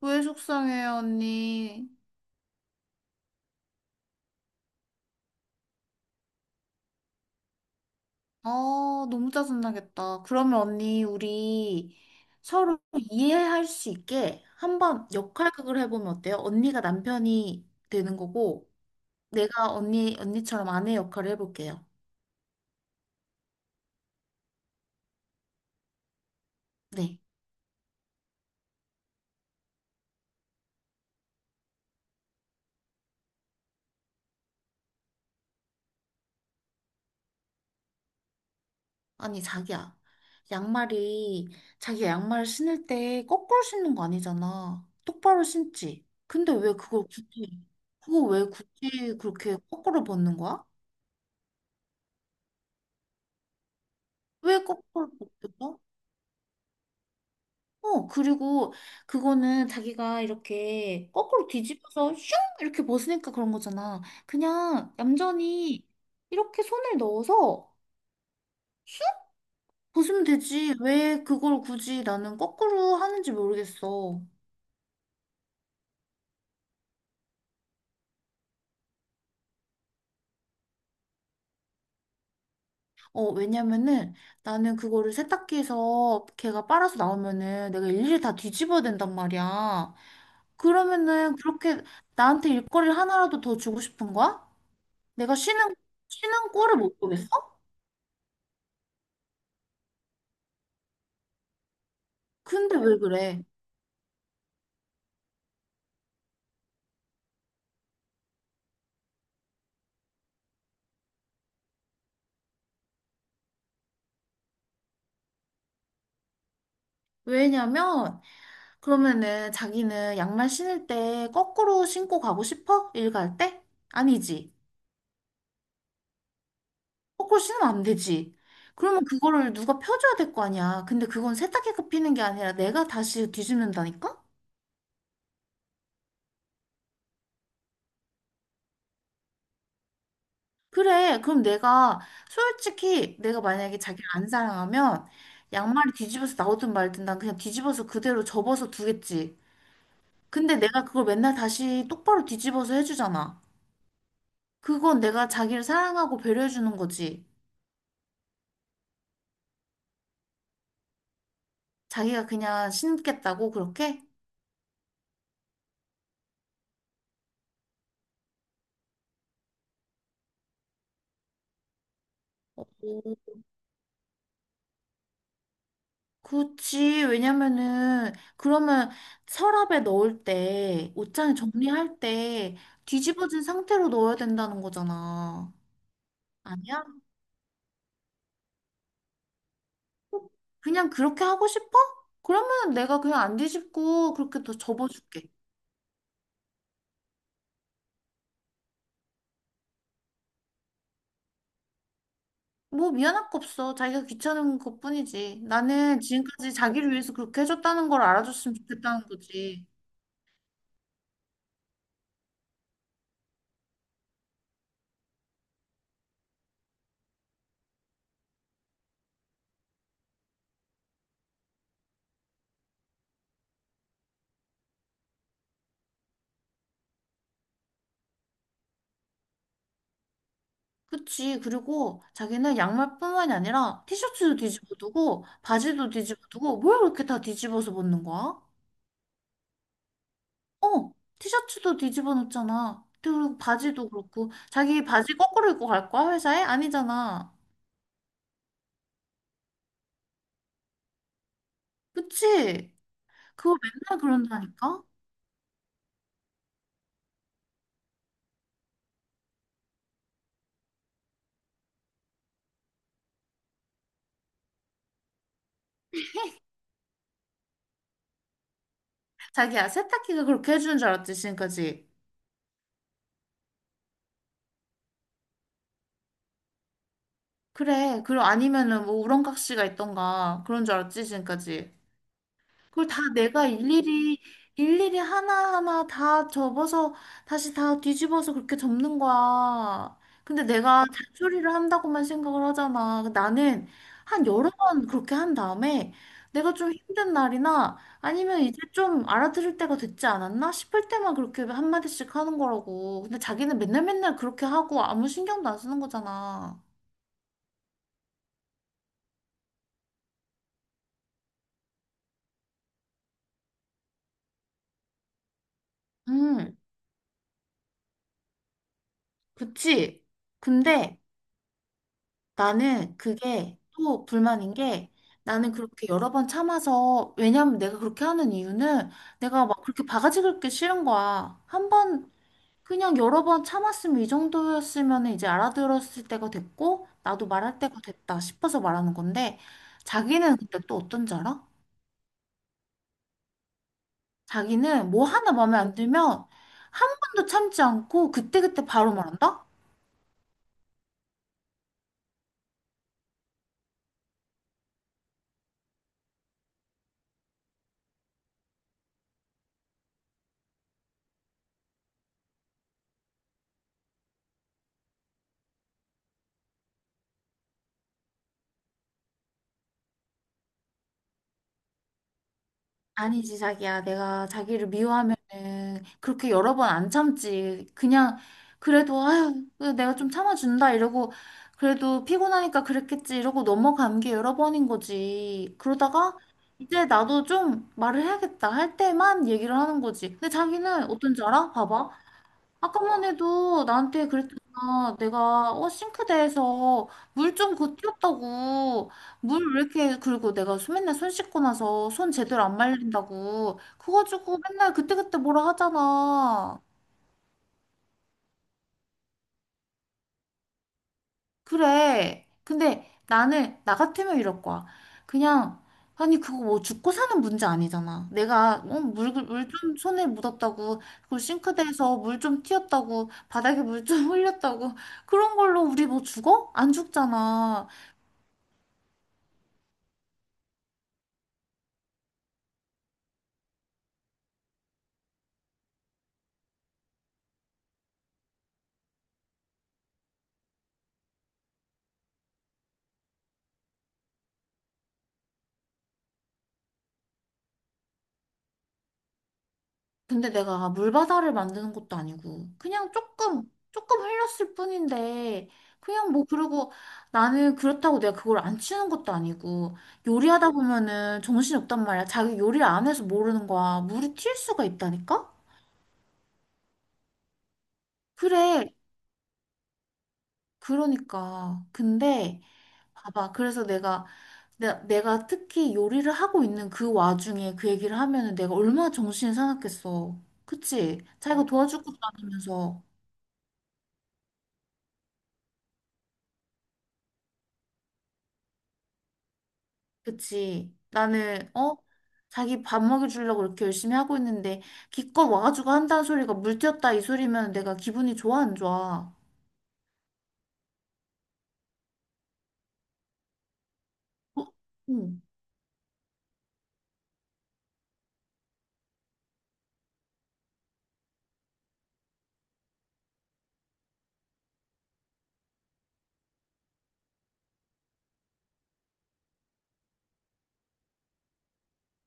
왜 속상해요, 언니? 아, 너무 짜증나겠다. 그러면 언니, 우리 서로 이해할 수 있게 한번 역할극을 해보면 어때요? 언니가 남편이 되는 거고, 내가 언니처럼 아내 역할을 해볼게요. 네. 아니, 자기야. 양말이, 자기가 양말을 신을 때 거꾸로 신는 거 아니잖아. 똑바로 신지. 근데 왜 그걸 굳이, 그거 왜 굳이 그렇게 거꾸로 벗는 거야? 왜 거꾸로 벗겨? 어, 그리고 그거는 자기가 이렇게 거꾸로 뒤집어서 슝! 이렇게 벗으니까 그런 거잖아. 그냥 얌전히 이렇게 손을 넣어서 쑥! 벗으면 되지. 왜 그걸 굳이 나는 거꾸로 하는지 모르겠어. 어, 왜냐면은 나는 그거를 세탁기에서 걔가 빨아서 나오면은 내가 일일이 다 뒤집어야 된단 말이야. 그러면은 그렇게 나한테 일거리를 하나라도 더 주고 싶은 거야? 내가 쉬는 꼴을 못 보겠어? 근데 왜 그래? 왜냐면, 그러면은 자기는 양말 신을 때 거꾸로 신고 가고 싶어? 일갈 때? 아니지. 거꾸로 신으면 안 되지. 그러면 그거를 누가 펴줘야 될 거 아니야. 근데 그건 세탁기가 피는 게 아니라 내가 다시 뒤집는다니까? 그래. 솔직히 내가 만약에 자기를 안 사랑하면 양말이 뒤집어서 나오든 말든 난 그냥 뒤집어서 그대로 접어서 두겠지. 근데 내가 그걸 맨날 다시 똑바로 뒤집어서 해주잖아. 그건 내가 자기를 사랑하고 배려해주는 거지. 자기가 그냥 신겠다고 그렇게? 오, 그치. 왜냐면은 그러면 서랍에 넣을 때 옷장에 정리할 때 뒤집어진 상태로 넣어야 된다는 거잖아. 아니야? 그냥 그렇게 하고 싶어? 그러면 내가 그냥 안 뒤집고 그렇게 더 접어줄게. 뭐 미안할 거 없어. 자기가 귀찮은 것뿐이지. 나는 지금까지 자기를 위해서 그렇게 해줬다는 걸 알아줬으면 좋겠다는 거지. 그치. 그리고 자기는 양말뿐만이 아니라 티셔츠도 뒤집어 두고, 바지도 뒤집어 두고, 뭘 그렇게 다 뒤집어서 벗는 거야? 어, 티셔츠도 뒤집어 놓잖아. 그리고 바지도 그렇고, 자기 바지 거꾸로 입고 갈 거야, 회사에? 아니잖아. 그치? 그거 맨날 그런다니까? 자기야, 세탁기가 그렇게 해주는 줄 알았지, 지금까지. 그래. 그리고 아니면은 뭐 우렁각시가 있던가, 그런 줄 알았지, 지금까지. 그걸 다 내가 일일이 하나하나 다 접어서 다시 다 뒤집어서 그렇게 접는 거야. 근데 내가 잔소리를 한다고만 생각을 하잖아. 그 나는 한 여러 번 그렇게 한 다음에 내가 좀 힘든 날이나 아니면 이제 좀 알아들을 때가 됐지 않았나 싶을 때만 그렇게 한마디씩 하는 거라고. 근데 자기는 맨날 맨날 그렇게 하고 아무 신경도 안 쓰는 거잖아. 음, 그치. 근데 나는 그게 또 불만인 게 나는 그렇게 여러 번 참아서 왜냐면 내가 그렇게 하는 이유는 내가 막 그렇게 바가지 긁기 싫은 거야. 한 번 그냥 여러 번 참았으면 이 정도였으면 이제 알아들었을 때가 됐고 나도 말할 때가 됐다 싶어서 말하는 건데 자기는 근데 또 어떤지 알아? 자기는 뭐 하나 마음에 안 들면 한 번도 참지 않고 그때그때 바로 말한다? 아니지, 자기야. 내가 자기를 미워하면은 그렇게 여러 번 안 참지. 그냥 그래도 아유, 그래도 내가 좀 참아준다 이러고 그래도 피곤하니까 그랬겠지 이러고 넘어간 게 여러 번인 거지. 그러다가 이제 나도 좀 말을 해야겠다 할 때만 얘기를 하는 거지. 근데 자기는 어떤지 알아? 봐봐. 아까만 해도 나한테 그랬잖아. 내가 어 싱크대에서 물 좀 고쳤다고. 물 왜 이렇게 그리고 내가 맨날 손 씻고 나서 손 제대로 안 말린다고. 그거 가지고 맨날 그때그때 뭐라 하잖아. 그래. 근데 나는, 나 같으면 이럴 거야. 그냥, 아니, 그거 뭐 죽고 사는 문제 아니잖아. 내가, 어, 물 좀 손에 묻었다고, 그리고 싱크대에서 물 좀 튀었다고, 바닥에 물 좀 흘렸다고, 그런 걸로 우리 뭐 죽어? 안 죽잖아. 근데 내가 물바다를 만드는 것도 아니고 그냥 조금 흘렸을 뿐인데 그냥 뭐 그러고 나는 그렇다고 내가 그걸 안 치는 것도 아니고 요리하다 보면은 정신이 없단 말이야. 자기 요리를 안 해서 모르는 거야. 물이 튈 수가 있다니까? 그래. 그러니까. 근데 봐봐. 그래서 내가 내가 특히 요리를 하고 있는 그 와중에 그 얘기를 하면은 내가 얼마나 정신이 사납겠어. 그치? 자기가 도와줄 것도 아니면서. 그치. 나는, 어? 자기 밥 먹여주려고 이렇게 열심히 하고 있는데, 기껏 와가지고 한다는 소리가 물 튀었다 이 소리면 내가 기분이 좋아, 안 좋아? 어? 응.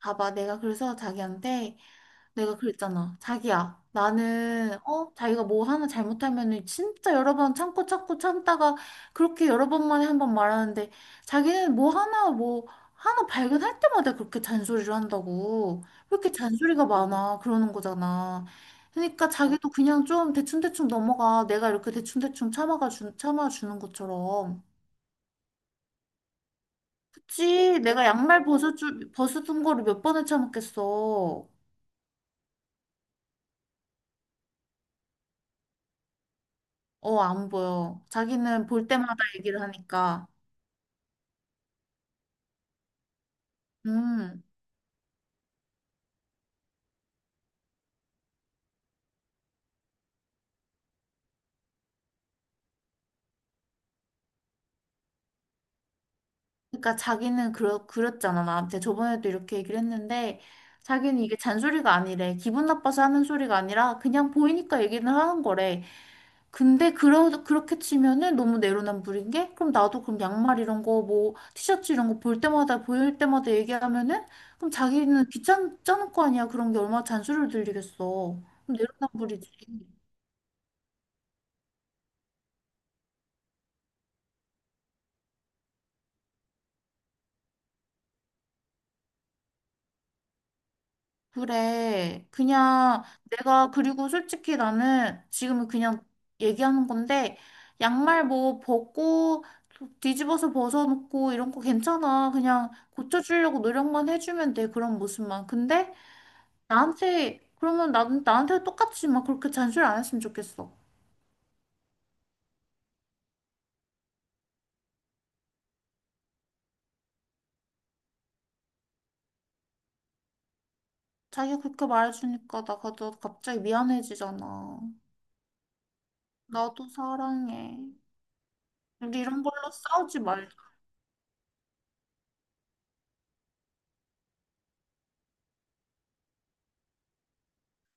봐봐. 내가 그래서 자기한테, 내가 그랬잖아. 자기야, 나는, 어, 자기가 뭐 하나 잘못하면은 진짜 여러 번 참고 참고 참다가 그렇게 여러 번 만에 한번 말하는데 자기는 하나 발견할 때마다 그렇게 잔소리를 한다고. 왜 이렇게 잔소리가 많아? 그러는 거잖아. 그러니까 자기도 그냥 좀 대충대충 넘어가. 내가 이렇게 대충대충 참아주는 것처럼. 그치. 내가 양말 벗어둔 거를 몇 번을 참았겠어. 어, 안 보여. 자기는 볼 때마다 얘기를 하니까. 음. 그러니까 자기는 그랬잖아. 나한테 저번에도 이렇게 얘기를 했는데 자기는 이게 잔소리가 아니래. 기분 나빠서 하는 소리가 아니라 그냥 보이니까 얘기를 하는 거래. 근데 그렇게 치면은 너무 내로남불인 게 그럼 나도 그럼 양말 이런 거 뭐 티셔츠 이런 거 볼 때마다 보일 때마다 얘기하면은 그럼 자기는 귀찮을 거 아니야. 그런 게 얼마나 잔소리를 들리겠어. 그럼 내로남불이지. 그래. 그냥 내가 그리고 솔직히 나는 지금은 그냥 얘기하는 건데 양말 뭐 벗고 뒤집어서 벗어놓고 이런 거 괜찮아. 그냥 고쳐주려고 노력만 해주면 돼. 그런 모습만. 근데 나한테 그러면 나한테 똑같이 막 그렇게 잔소리 안 했으면 좋겠어. 자기가 그렇게 말해주니까 나가 너 갑자기 미안해지잖아. 나도 사랑해. 우리 이런 걸로 싸우지 말자.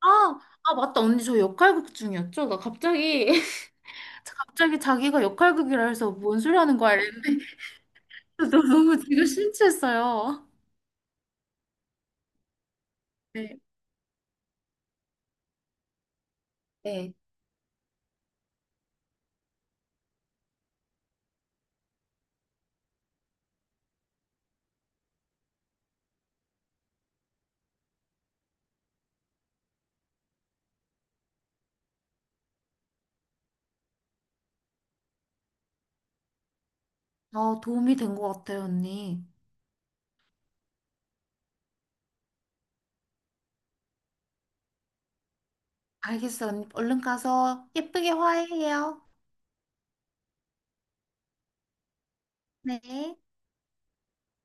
아, 아, 맞다. 언니 저 역할극 중이었죠? 나 갑자기 자기가 역할극이라 해서 뭔 소리 하는 거야 이랬는데 너 너무 지금 심취했어요. 네. 네. 어, 도움이 된 것 같아요, 언니. 알겠어, 언니. 얼른 가서 예쁘게 화해해요. 네.